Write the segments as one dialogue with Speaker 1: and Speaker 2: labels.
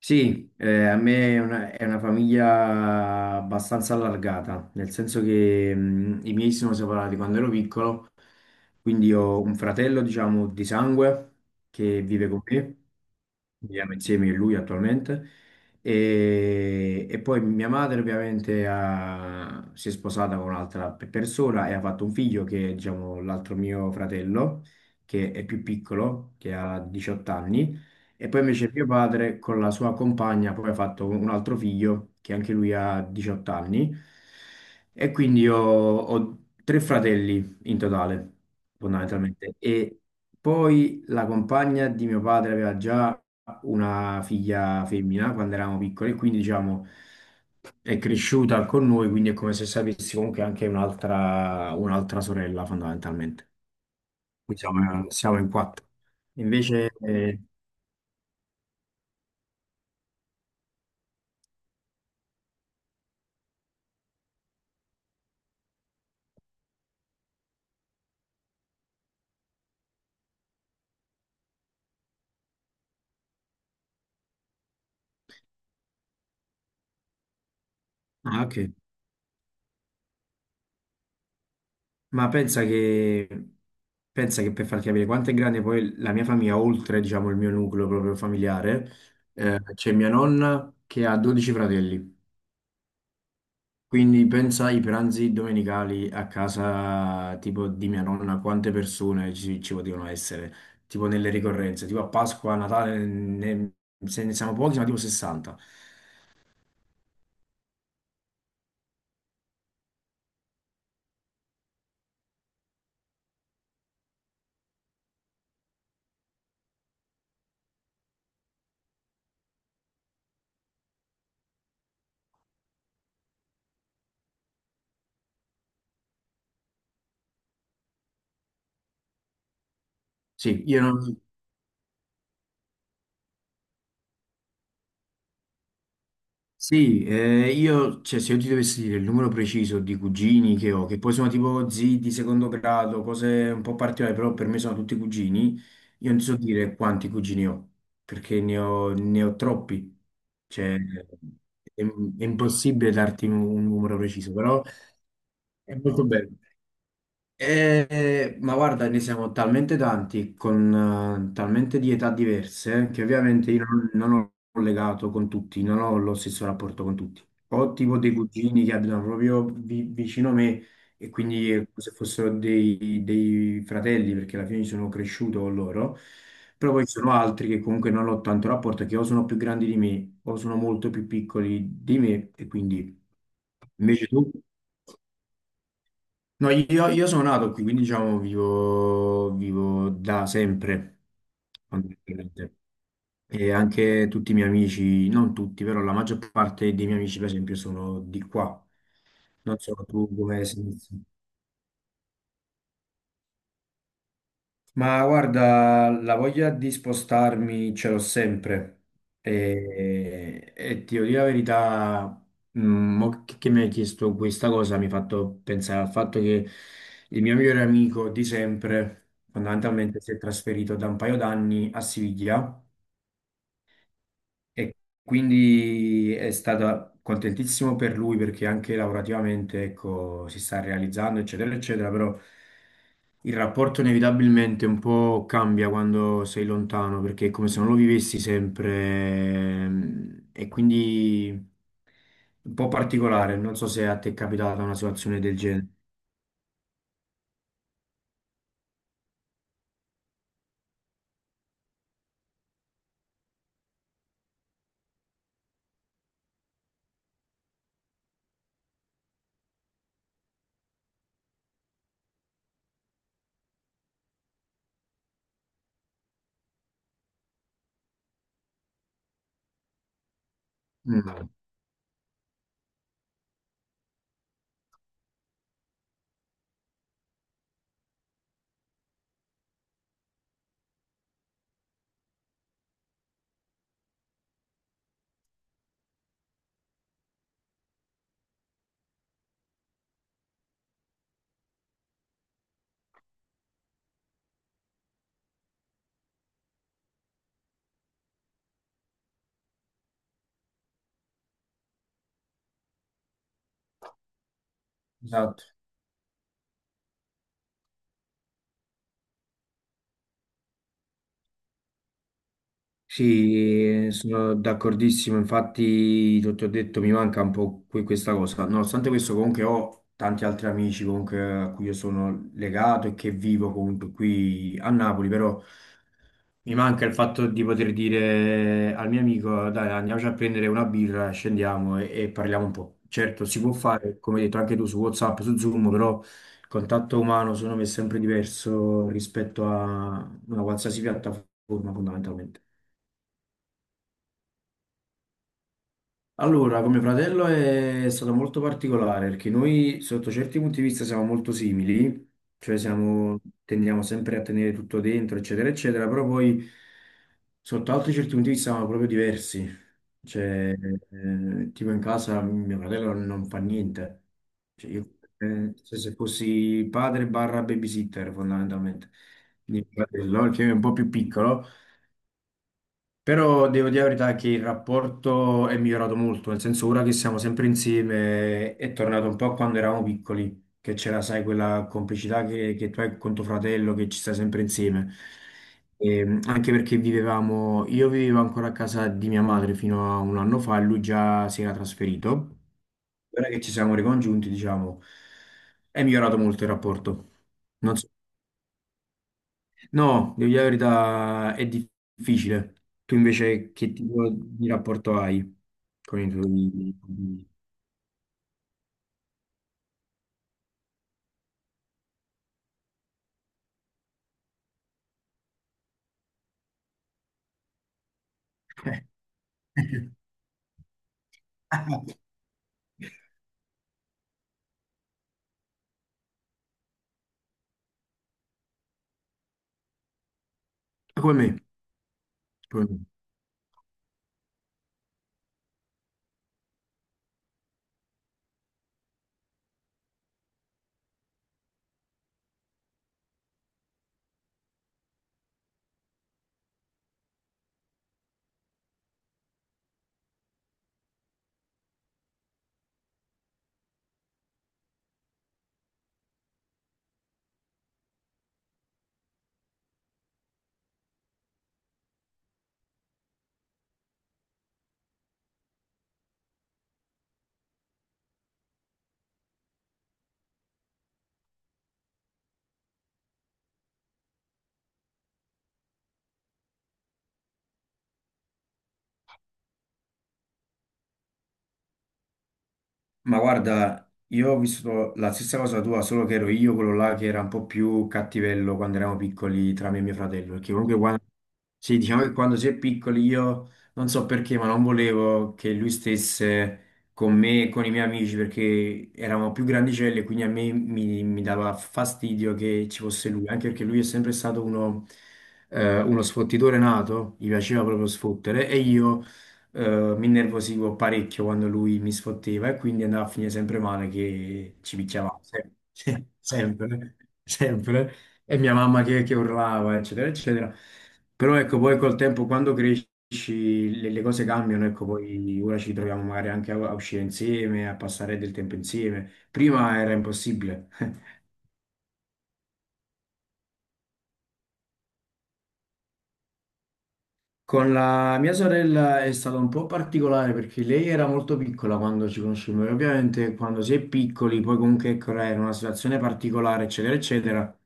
Speaker 1: Sì, a me è una famiglia abbastanza allargata, nel senso che i miei si sono separati quando ero piccolo, quindi ho un fratello, diciamo, di sangue che vive con me. Viviamo insieme a lui attualmente. E poi mia madre ovviamente si è sposata con un'altra persona e ha fatto un figlio che è, diciamo, l'altro mio fratello, che è più piccolo, che ha 18 anni. E poi invece mio padre con la sua compagna poi ha fatto un altro figlio che anche lui ha 18 anni. E quindi io ho tre fratelli in totale, fondamentalmente. E poi la compagna di mio padre aveva già una figlia femmina quando eravamo piccoli, quindi diciamo è cresciuta con noi, quindi è come se sapessi comunque anche un'altra sorella fondamentalmente. Quindi siamo in quattro. Invece, ah, ok. Ma pensa che, Pensa che, per farti capire quanto è grande poi la mia famiglia, oltre diciamo il mio nucleo proprio familiare, c'è mia nonna che ha 12 fratelli. Quindi pensa ai pranzi domenicali a casa tipo di mia nonna, quante persone ci potevano essere, tipo nelle ricorrenze, tipo a Pasqua, a Natale, se ne siamo pochi, ma tipo 60. Sì, io non- sì, io, cioè, se io ti dovessi dire il numero preciso di cugini che ho, che poi sono tipo zii di secondo grado, cose un po' particolari, però per me sono tutti cugini, io non so dire quanti cugini ho, perché ne ho troppi. Cioè, è impossibile darti un numero preciso, però è molto bello. Ma guarda, ne siamo talmente tanti, con talmente di età diverse, che ovviamente io non, non ho legato con tutti, non ho lo stesso rapporto con tutti. Ho tipo dei cugini che abitano proprio vicino a me e quindi è come se fossero dei fratelli, perché alla fine sono cresciuto con loro, però poi ci sono altri che comunque non ho tanto rapporto, che o sono più grandi di me o sono molto più piccoli di me, e quindi invece tu? No, io sono nato qui, quindi diciamo vivo da sempre, fondamentalmente. E anche tutti i miei amici, non tutti, però la maggior parte dei miei amici, per esempio, sono di qua. Non so tu come sei. Ma guarda, la voglia di spostarmi ce l'ho sempre e ti devo dire la verità, mo che mi hai chiesto questa cosa, mi ha fatto pensare al fatto che il mio migliore amico di sempre fondamentalmente si è trasferito da un paio d'anni a Siviglia, e quindi è stato contentissimo per lui perché anche lavorativamente, ecco, si sta realizzando eccetera eccetera, però il rapporto inevitabilmente un po' cambia quando sei lontano, perché è come se non lo vivessi sempre, e quindi un po' particolare. Non so se a te è capitata una situazione del genere. Mm. Esatto. Sì, sono d'accordissimo. Infatti, ti ho detto, mi manca un po' questa cosa. Nonostante questo, comunque ho tanti altri amici comunque a cui io sono legato e che vivo comunque qui a Napoli, però. Mi manca il fatto di poter dire al mio amico: dai, andiamoci a prendere una birra, scendiamo e parliamo un po'. Certo, si può fare, come hai detto anche tu, su WhatsApp, su Zoom, però il contatto umano secondo me è sempre diverso rispetto a una qualsiasi piattaforma, fondamentalmente. Allora, come fratello è stato molto particolare perché noi sotto certi punti di vista siamo molto simili, cioè tendiamo sempre a tenere tutto dentro, eccetera, eccetera, però poi sotto altri certi punti di vista siamo proprio diversi. Cioè, tipo in casa mio fratello non fa niente. Cioè, io, se fossi padre barra babysitter fondamentalmente. Quindi mio fratello, che è un po' più piccolo. Però devo dire la verità che il rapporto è migliorato molto, nel senso ora che siamo sempre insieme è tornato un po' a quando eravamo piccoli, che c'era, sai, quella complicità che tu hai con tuo fratello, che ci stai sempre insieme. E, anche perché io vivevo ancora a casa di mia madre fino a un anno fa e lui già si era trasferito. Ora che ci siamo ricongiunti, diciamo, è migliorato molto il rapporto. No, devo dire la verità, è difficile. Tu invece che tipo di rapporto hai con i tuoi... Come me, come me. Ma guarda, io ho vissuto la stessa cosa tua, solo che ero io quello là che era un po' più cattivello quando eravamo piccoli tra me e mio fratello, perché comunque quando, sì, diciamo che quando si è piccoli io non so perché, ma non volevo che lui stesse con me e con i miei amici perché eravamo più grandicelli e quindi a me mi dava fastidio che ci fosse lui, anche perché lui è sempre stato uno, uno sfottitore nato, gli piaceva proprio sfottere e io, mi innervosivo parecchio quando lui mi sfotteva, e quindi andava a finire sempre male che ci picchiavamo sempre, sempre, sempre. E mia mamma che urlava, eccetera, eccetera. Però ecco, poi col tempo, quando cresci, le cose cambiano, ecco, poi ora ci troviamo magari anche a uscire insieme, a passare del tempo insieme. Prima era impossibile. Con la mia sorella è stato un po' particolare perché lei era molto piccola quando ci conoscemmo e ovviamente quando si è piccoli, poi comunque ecco, era una situazione particolare, eccetera, eccetera.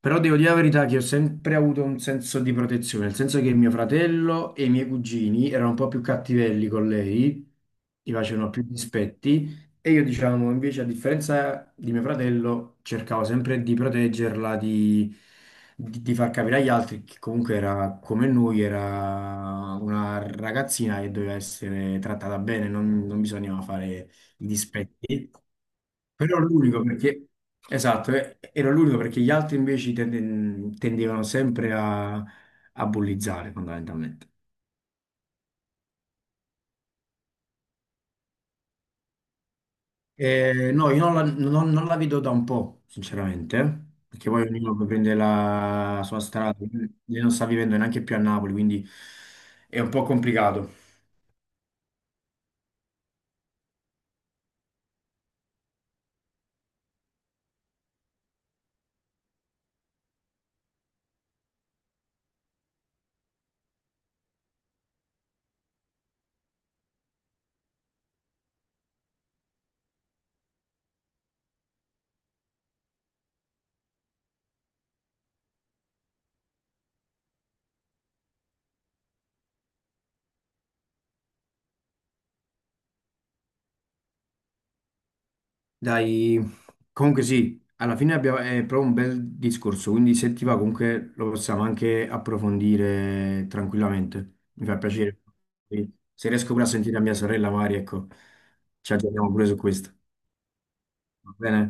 Speaker 1: Però devo dire la verità che ho sempre avuto un senso di protezione, nel senso che mio fratello e i miei cugini erano un po' più cattivelli con lei, gli facevano più dispetti e io, diciamo, invece, a differenza di mio fratello, cercavo sempre di proteggerla, di, di far capire agli altri che comunque era come noi, era una ragazzina che doveva essere trattata bene, non bisognava fare i dispetti. Però ero l'unico perché, esatto, ero l'unico perché gli altri invece tendevano sempre a, a bullizzare fondamentalmente. No, io non la vedo da un po', sinceramente, perché poi ognuno poi prende la sua strada, lei non sta vivendo neanche più a Napoli, quindi è un po' complicato. Dai, comunque sì, alla fine abbiamo, è proprio un bel discorso, quindi se ti va comunque lo possiamo anche approfondire tranquillamente. Mi fa piacere. Sì. Se riesco pure a sentire a mia sorella Mari, ecco, ci aggiorniamo pure su questo. Va bene?